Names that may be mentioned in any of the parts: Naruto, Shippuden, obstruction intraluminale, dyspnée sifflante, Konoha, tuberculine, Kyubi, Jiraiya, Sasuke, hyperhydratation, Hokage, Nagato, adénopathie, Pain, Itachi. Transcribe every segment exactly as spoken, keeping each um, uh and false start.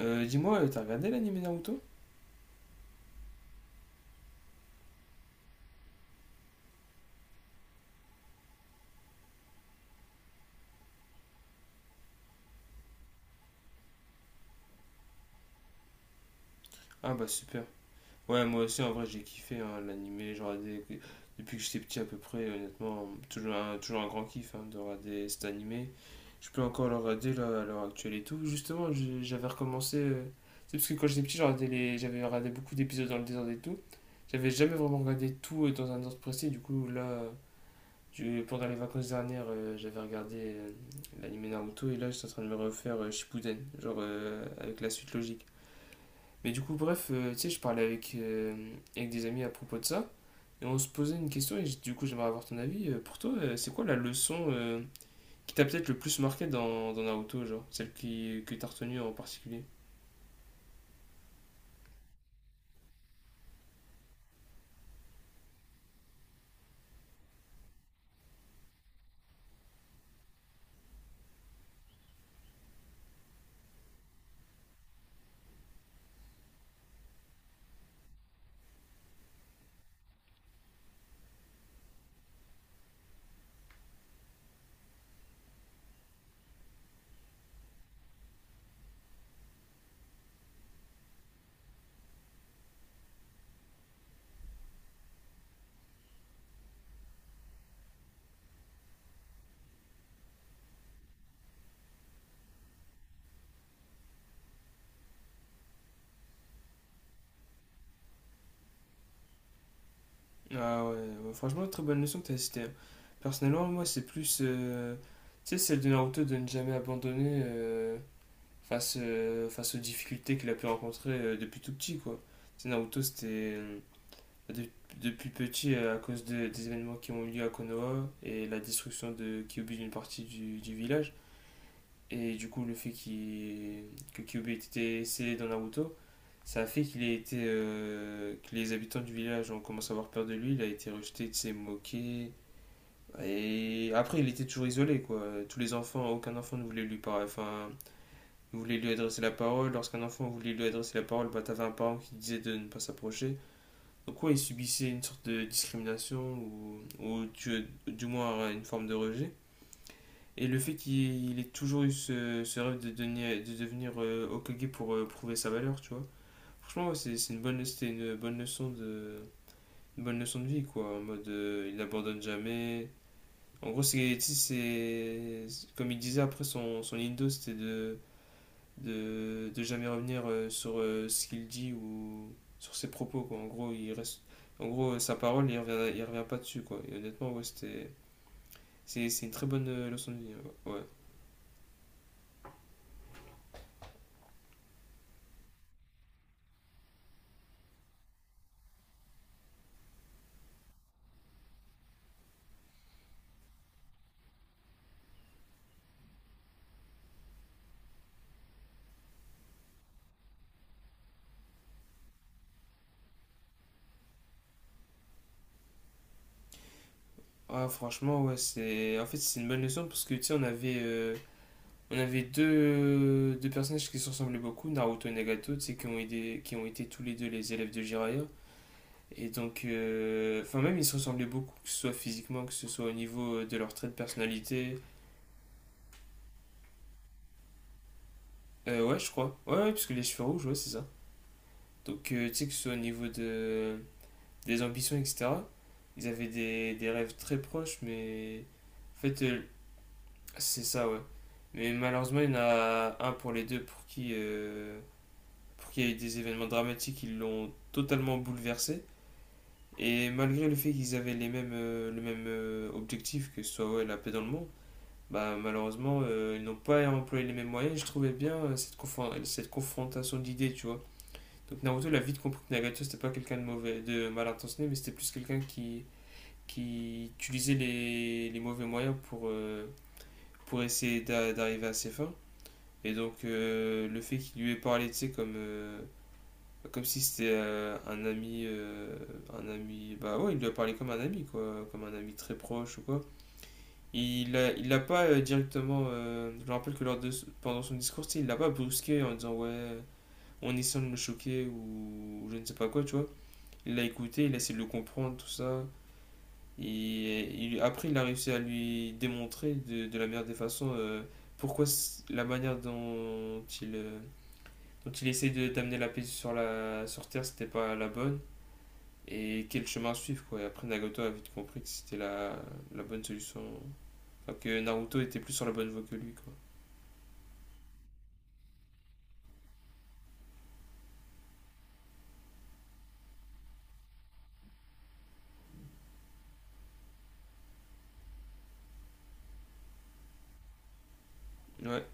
Euh, dis-moi, euh, t'as regardé l'anime Naruto? Ah bah super. Ouais, moi aussi en vrai j'ai kiffé hein, l'anime, j'ai regardé depuis que j'étais petit à peu près, honnêtement, toujours un, toujours un grand kiff hein, de regarder cet anime. Je peux encore le regarder là, à l'heure actuelle et tout. Justement, j'ai- j'avais recommencé, euh, c'est parce que quand j'étais petit, j'ai regardé les- j'avais regardé beaucoup d'épisodes dans le désordre et tout. J'avais jamais vraiment regardé tout euh, dans un ordre précis, du coup là, je- pendant les vacances dernières, euh, j'avais regardé euh, l'anime Naruto et là je suis en train de me refaire euh, Shippuden, genre euh, avec la suite logique. Mais du coup, bref, euh, tu sais, je parlais avec, euh, avec des amis à propos de ça, et on se posait une question, et j- du coup, j'aimerais avoir ton avis. Euh, pour toi, euh, c'est quoi la leçon euh, qui t'a peut-être le plus marqué dans, dans Naruto, genre, celle qui, que t'as retenue en particulier? Ah ouais, ouais, franchement, très bonne leçon que t'as citée, hein. Personnellement, moi, c'est plus, euh, tu sais, celle de Naruto de ne jamais abandonner euh, face, euh, face aux difficultés qu'il a pu rencontrer euh, depuis tout petit, quoi. Tu sais, Naruto, c'était euh, de- depuis petit euh, à cause de- des événements qui ont eu lieu à Konoha et la destruction de Kyubi d'une partie du, du village. Et du coup, le fait qu'il- que Kyubi ait été scellé dans Naruto, ça a fait qu'il ait été, euh, que les habitants du village ont commencé à avoir peur de lui. Il a été rejeté, il s'est moqué. Et après, il était toujours isolé, quoi. Tous les enfants, aucun enfant ne voulait lui parler. Enfin, voulait lui adresser la parole. Lorsqu'un enfant voulait lui adresser la parole, bah, t'avais un parent qui disait de ne pas s'approcher, quoi. Ils subissaient une sorte de discrimination ou, ou du, du moins une forme de rejet. Et le fait qu'il ait toujours eu ce, ce rêve de, devenir- de devenir euh, Hokage pour euh, prouver sa valeur, tu vois. Franchement, ouais, c'est c'est une bonne, c'était une bonne leçon de, une bonne leçon de vie, quoi. En mode, euh, il n'abandonne jamais. En gros, c'est, c'est, c'est- comme il disait après son, son Indo, c'était de, de, de jamais revenir euh, sur euh, ce qu'il dit ou sur ses propos, quoi. En gros, il reste, en gros, euh, sa parole, il revient, il revient pas dessus, quoi. Et honnêtement, ouais, c'était, c'est, c'est une très bonne euh, leçon de vie, ouais. Ouais. Ah, franchement, ouais, c'est, en fait, c'est une bonne leçon parce que, tu sais, on avait, euh, on avait deux, deux personnages qui se ressemblaient beaucoup, Naruto et Nagato, tu sais, qui ont été, qui ont été tous les deux les élèves de Jiraiya. Et donc, euh, enfin, même ils se ressemblaient beaucoup, que ce soit physiquement, que ce soit au niveau euh, de leur trait de personnalité. Euh, ouais, je crois. Ouais, ouais, parce que les cheveux rouges, ouais, c'est ça. Donc, euh, tu sais, que ce soit au niveau de... des ambitions, et cætera Ils avaient des, des rêves très proches, mais en fait, euh, c'est ça, ouais. Mais malheureusement, il y en a un pour les deux pour qui, euh, pour qui il y a eu des événements dramatiques qui l'ont totalement bouleversé. Et malgré le fait qu'ils avaient les mêmes, euh, le même euh, objectif, que ce soit ouais, la paix dans le monde, bah, malheureusement, euh, ils n'ont pas employé les mêmes moyens. Je trouvais bien euh, cette, confron- cette confrontation d'idées, tu vois. Donc Naruto l'a vite compris que Nagato c'était pas quelqu'un de mauvais, de mal intentionné, mais c'était plus quelqu'un qui, qui utilisait les, les mauvais moyens pour, euh, pour essayer d'a- d'arriver à ses fins. Et donc euh, le fait qu'il lui ait parlé, tu sais, comme, euh, comme si c'était euh, un ami, euh, un ami, bah ouais, il lui a parlé comme un ami, quoi, comme un ami très proche ou quoi. Il l'a il l'a pas euh, directement, euh, je me rappelle que lors de, pendant son discours, tu sais, il l'a pas brusqué en disant ouais, en essayant de me choquer ou ou je ne sais pas quoi, tu vois. Il l'a écouté, il a essayé de le comprendre, tout ça. Et il- après, il a réussi à lui démontrer de, de la meilleure des façons euh, pourquoi la manière dont il, euh, dont il essayait de- d'amener la paix sur, la, sur Terre, c'était pas la bonne. Et quel chemin suivre, quoi. Et après, Nagato a vite compris que c'était la, la bonne solution. Enfin, que Naruto était plus sur la bonne voie que lui, quoi. Ouais,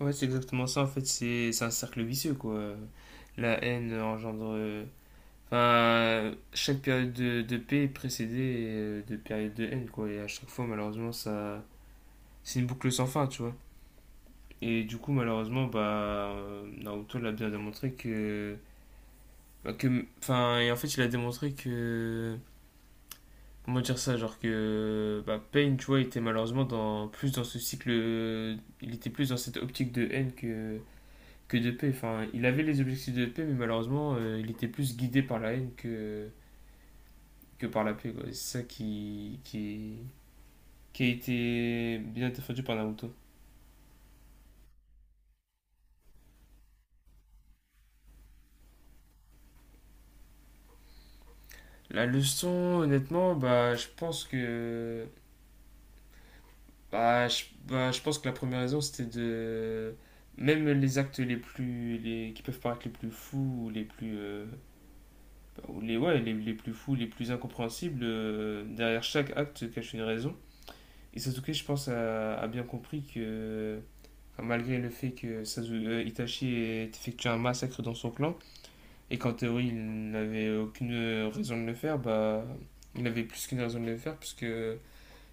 ouais c'est exactement ça, en fait. C'est c'est un cercle vicieux, quoi. La haine engendre euh, enfin, chaque période de, de paix est précédée euh, de période de haine, quoi. Et à chaque fois, malheureusement, ça, c'est une boucle sans fin, tu vois. Et du coup, malheureusement, bah, euh, Naruto l'a bien démontré que, bah, que, enfin, et en fait, il a démontré que, comment dire ça, genre que, bah, Pain, tu vois, était malheureusement dans plus dans ce cycle, euh, il était plus dans cette optique de haine que que de paix. Enfin, il avait les objectifs de paix, mais malheureusement, euh, il était plus guidé par la haine que que par la paix, quoi. Et c'est ça qui, qui, qui a été bien défendu par Naruto. La leçon, honnêtement, bah, je pense que bah, je, bah, je pense que la première raison, c'était de même les actes les plus les, qui peuvent paraître les plus fous ou les plus euh, bah, ou les ouais les, les plus fous les plus incompréhensibles euh, derrière chaque acte se cache une raison et Sasuke je pense a, a bien compris que enfin, malgré le fait que Sasu- euh, Itachi ait effectué un massacre dans son clan. Et quand théorie, il n'avait aucune raison de le faire, bah, il avait plus qu'une raison de le faire, puisque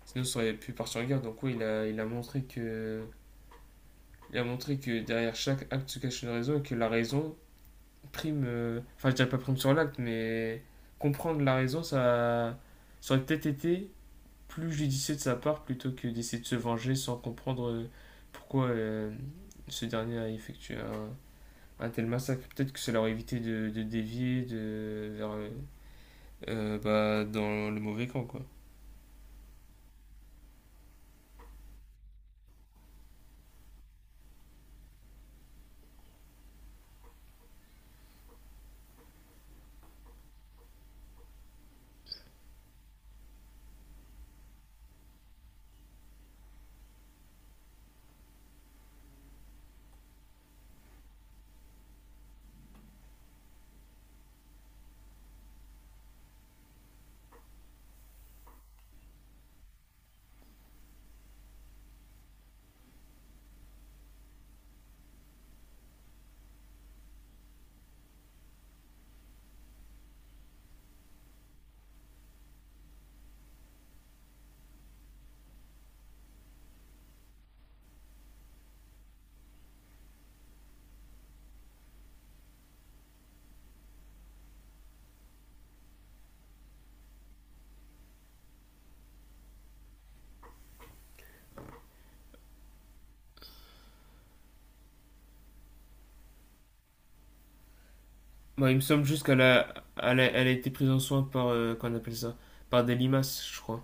sinon ça aurait pu partir en guerre. Donc, oui, il a, il a montré que. Il a montré que derrière chaque acte se cache une raison et que la raison prime. euh, Enfin, je dirais pas prime sur l'acte, mais comprendre la raison, ça, ça aurait peut-être été plus judicieux de sa part plutôt que d'essayer de se venger sans comprendre euh, pourquoi euh, ce dernier a effectué un, un tel massacre. Peut-être que ça leur aurait évité de, de dévier de, vers euh, euh, bah, dans le mauvais camp, quoi. Bah, il me semble juste qu'elle a, elle a, elle a été prise en soin par, euh, qu'on appelle ça, par des limaces, je crois.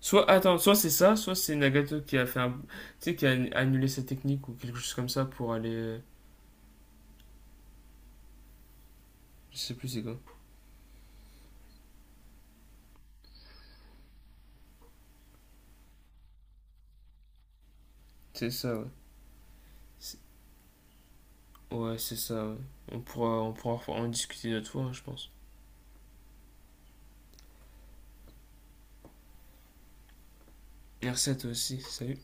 Soit, attends, soit c'est ça, soit c'est Nagato qui a fait un, tu sais, qui a annulé sa technique ou quelque chose comme ça pour aller, euh, je sais plus c'est quoi. C'est ça, ouais. C'est- Ouais, c'est ça, ouais. On pourra, on pourra en discuter une autre fois, hein, je pense. Merci à toi aussi, salut.